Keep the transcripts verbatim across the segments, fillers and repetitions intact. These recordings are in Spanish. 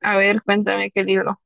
A ver, cuéntame qué libro.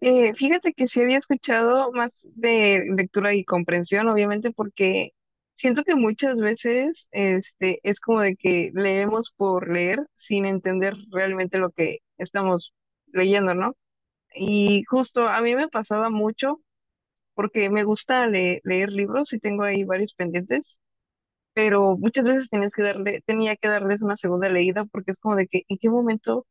Eh, fíjate que sí había escuchado más de lectura y comprensión, obviamente, porque siento que muchas veces este, es como de que leemos por leer sin entender realmente lo que estamos leyendo, ¿no? Y justo a mí me pasaba mucho porque me gusta le- leer libros y tengo ahí varios pendientes, pero muchas veces tenías que darle, tenía que darles una segunda leída porque es como de que, ¿en qué momento?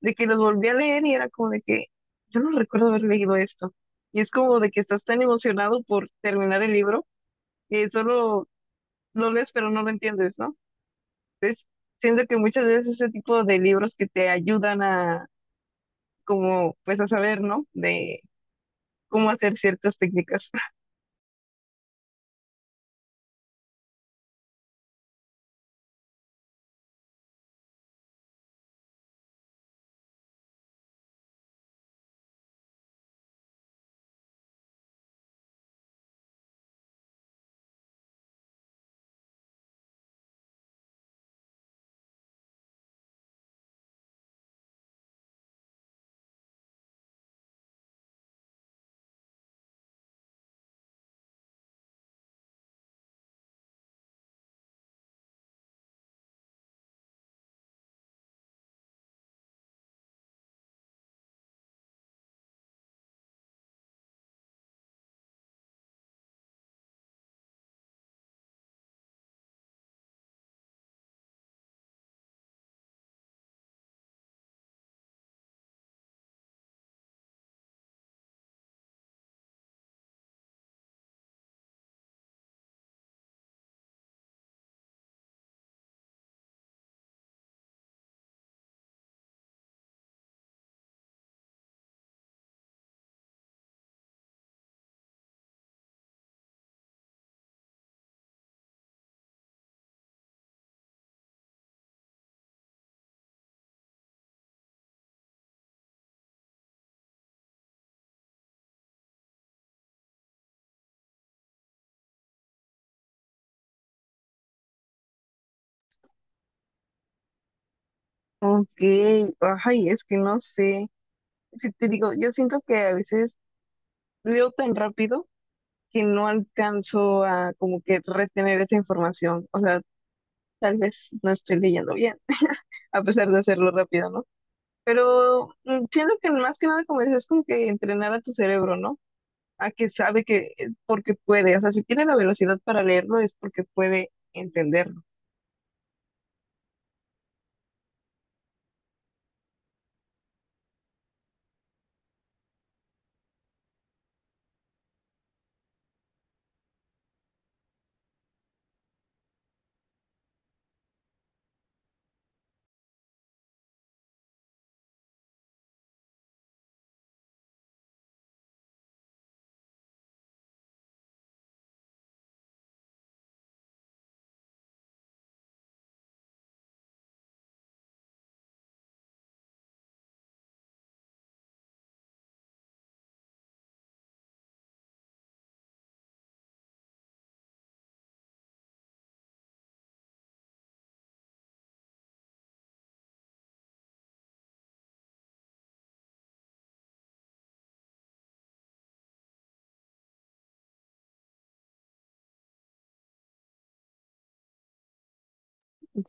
De que los volví a leer y era como de que yo no recuerdo haber leído esto. Y es como de que estás tan emocionado por terminar el libro que solo lo lees pero no lo entiendes, ¿no? Entonces, siento que muchas veces ese tipo de libros que te ayudan a como pues a saber, ¿no? De cómo hacer ciertas técnicas. Ok, ay, es que no sé. Es que te digo, yo siento que a veces leo tan rápido que no alcanzo a como que retener esa información. O sea, tal vez no estoy leyendo bien. A pesar de hacerlo rápido, ¿no? Pero mm, siento que más que nada, como dices, es como que entrenar a tu cerebro, ¿no? A que sabe que, eh, porque puede, o sea, si tiene la velocidad para leerlo es porque puede entenderlo.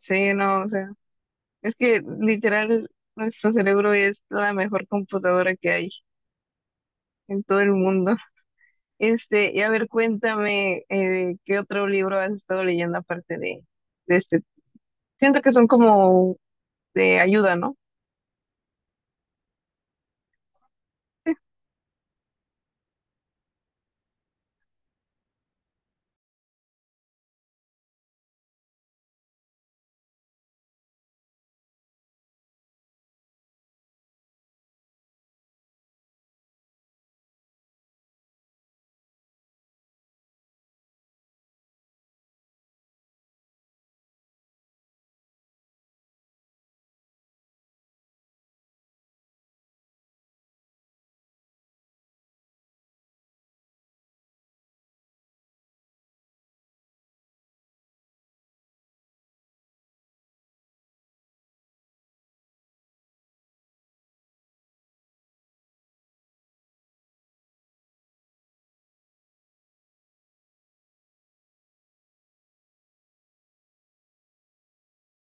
Sí, no, o sea, es que literal, nuestro cerebro es la mejor computadora que hay en todo el mundo. Este, y a ver, cuéntame, eh, ¿qué otro libro has estado leyendo aparte de, de este? Siento que son como de ayuda, ¿no?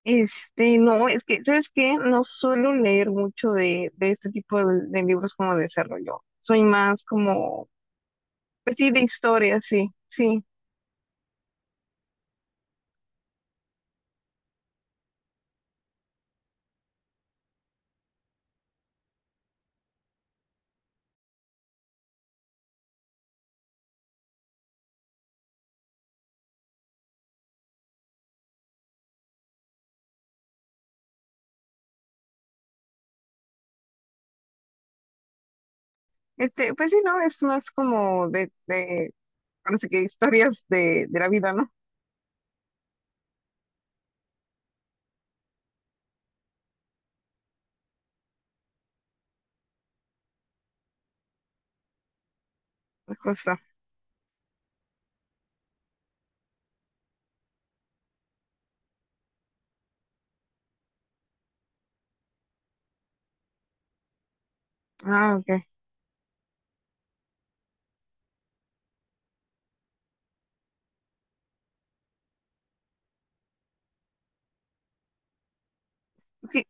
Este, no, es que, ¿sabes qué? No suelo leer mucho de, de este tipo de, de libros como de desarrollo. Soy más como, pues sí, de historia, sí, sí. Este, pues sí, no, es más como de, de, ahora sí que historias de, de la vida, ¿no? Justo. Ah, ok. Fí-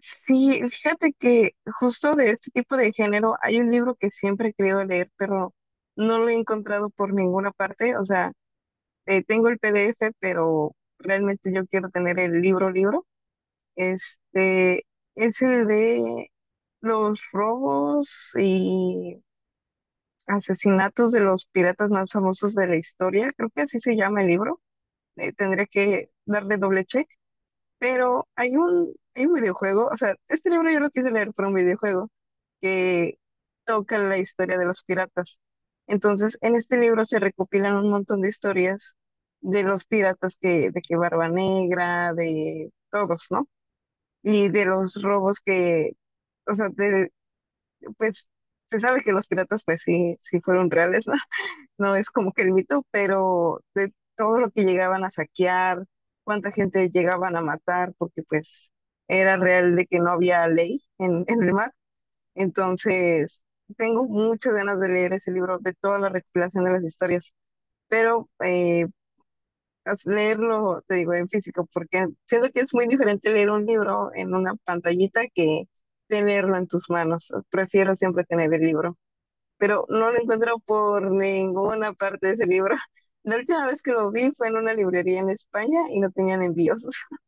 Sí, fíjate que justo de este tipo de género hay un libro que siempre he querido leer, pero no lo he encontrado por ninguna parte. O sea, eh, tengo el P D F, pero realmente yo quiero tener el libro, libro. Este, ese de los robos y asesinatos de los piratas más famosos de la historia, creo que así se llama el libro. Eh, tendré que darle doble check, pero hay un, hay un videojuego, o sea, este libro yo lo quise leer por un videojuego que toca la historia de los piratas. Entonces, en este libro se recopilan un montón de historias de los piratas que, de que Barba Negra, de todos, ¿no? Y de los robos que, o sea, de- pues se sabe que los piratas pues sí, sí fueron reales, ¿no? No es como que el mito, pero de todo lo que llegaban a saquear, cuánta gente llegaban a matar, porque pues era real de que no había ley en, en el mar. Entonces, tengo muchas ganas de leer ese libro, de toda la recopilación de las historias, pero eh, as- leerlo, te digo, en físico, porque siento que es muy diferente leer un libro en una pantallita que tenerlo en tus manos. Prefiero siempre tener el libro, pero no lo encuentro por ninguna parte de ese libro. La última vez que lo vi fue en una librería en España y no tenían envíos.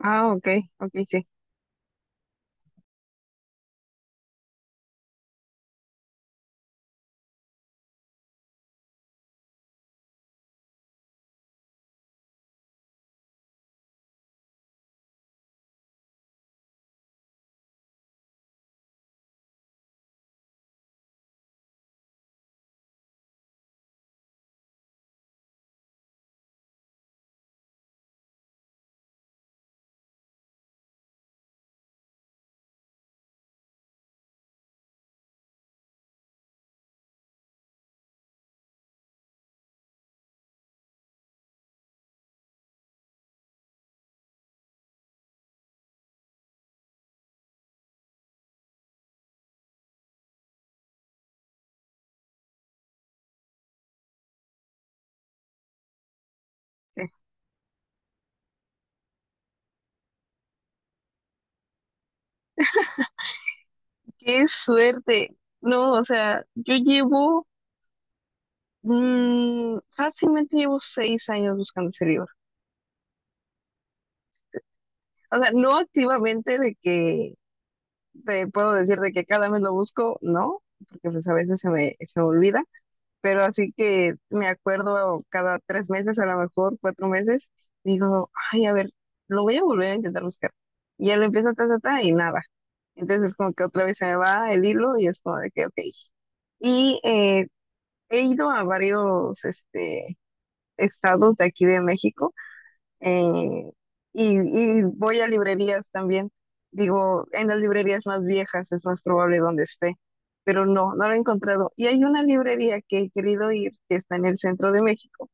Ah, ok, ok, sí. Sí. Qué suerte. No, o sea, yo llevo, mm, fácilmente llevo seis años buscando ese libro. O sea, no activamente de que te puedo decir de que cada mes lo busco, no, porque pues a veces se me, se me olvida, pero así que me acuerdo cada tres meses, a lo mejor cuatro meses, digo, ay, a ver, lo voy a volver a intentar buscar. Y ya lo empiezo ta, ta, ta, y nada. Entonces es como que otra vez se me va el hilo y es como de que, ok. Y eh, he ido a varios este, estados de aquí de México eh, y, y voy a librerías también. Digo, en las librerías más viejas es más probable donde esté, pero no, no la he encontrado. Y hay una librería que he querido ir, que está en el centro de México,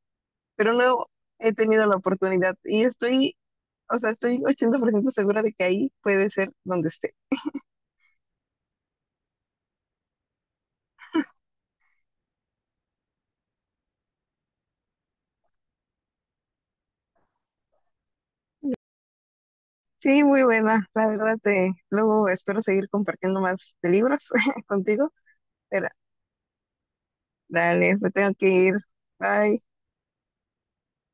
pero no he tenido la oportunidad y estoy, o sea, estoy ochenta por ciento segura de que ahí puede ser donde esté. Sí, muy buena, la verdad, te, luego espero seguir compartiendo más de libros contigo, pero dale, me tengo que ir. Bye.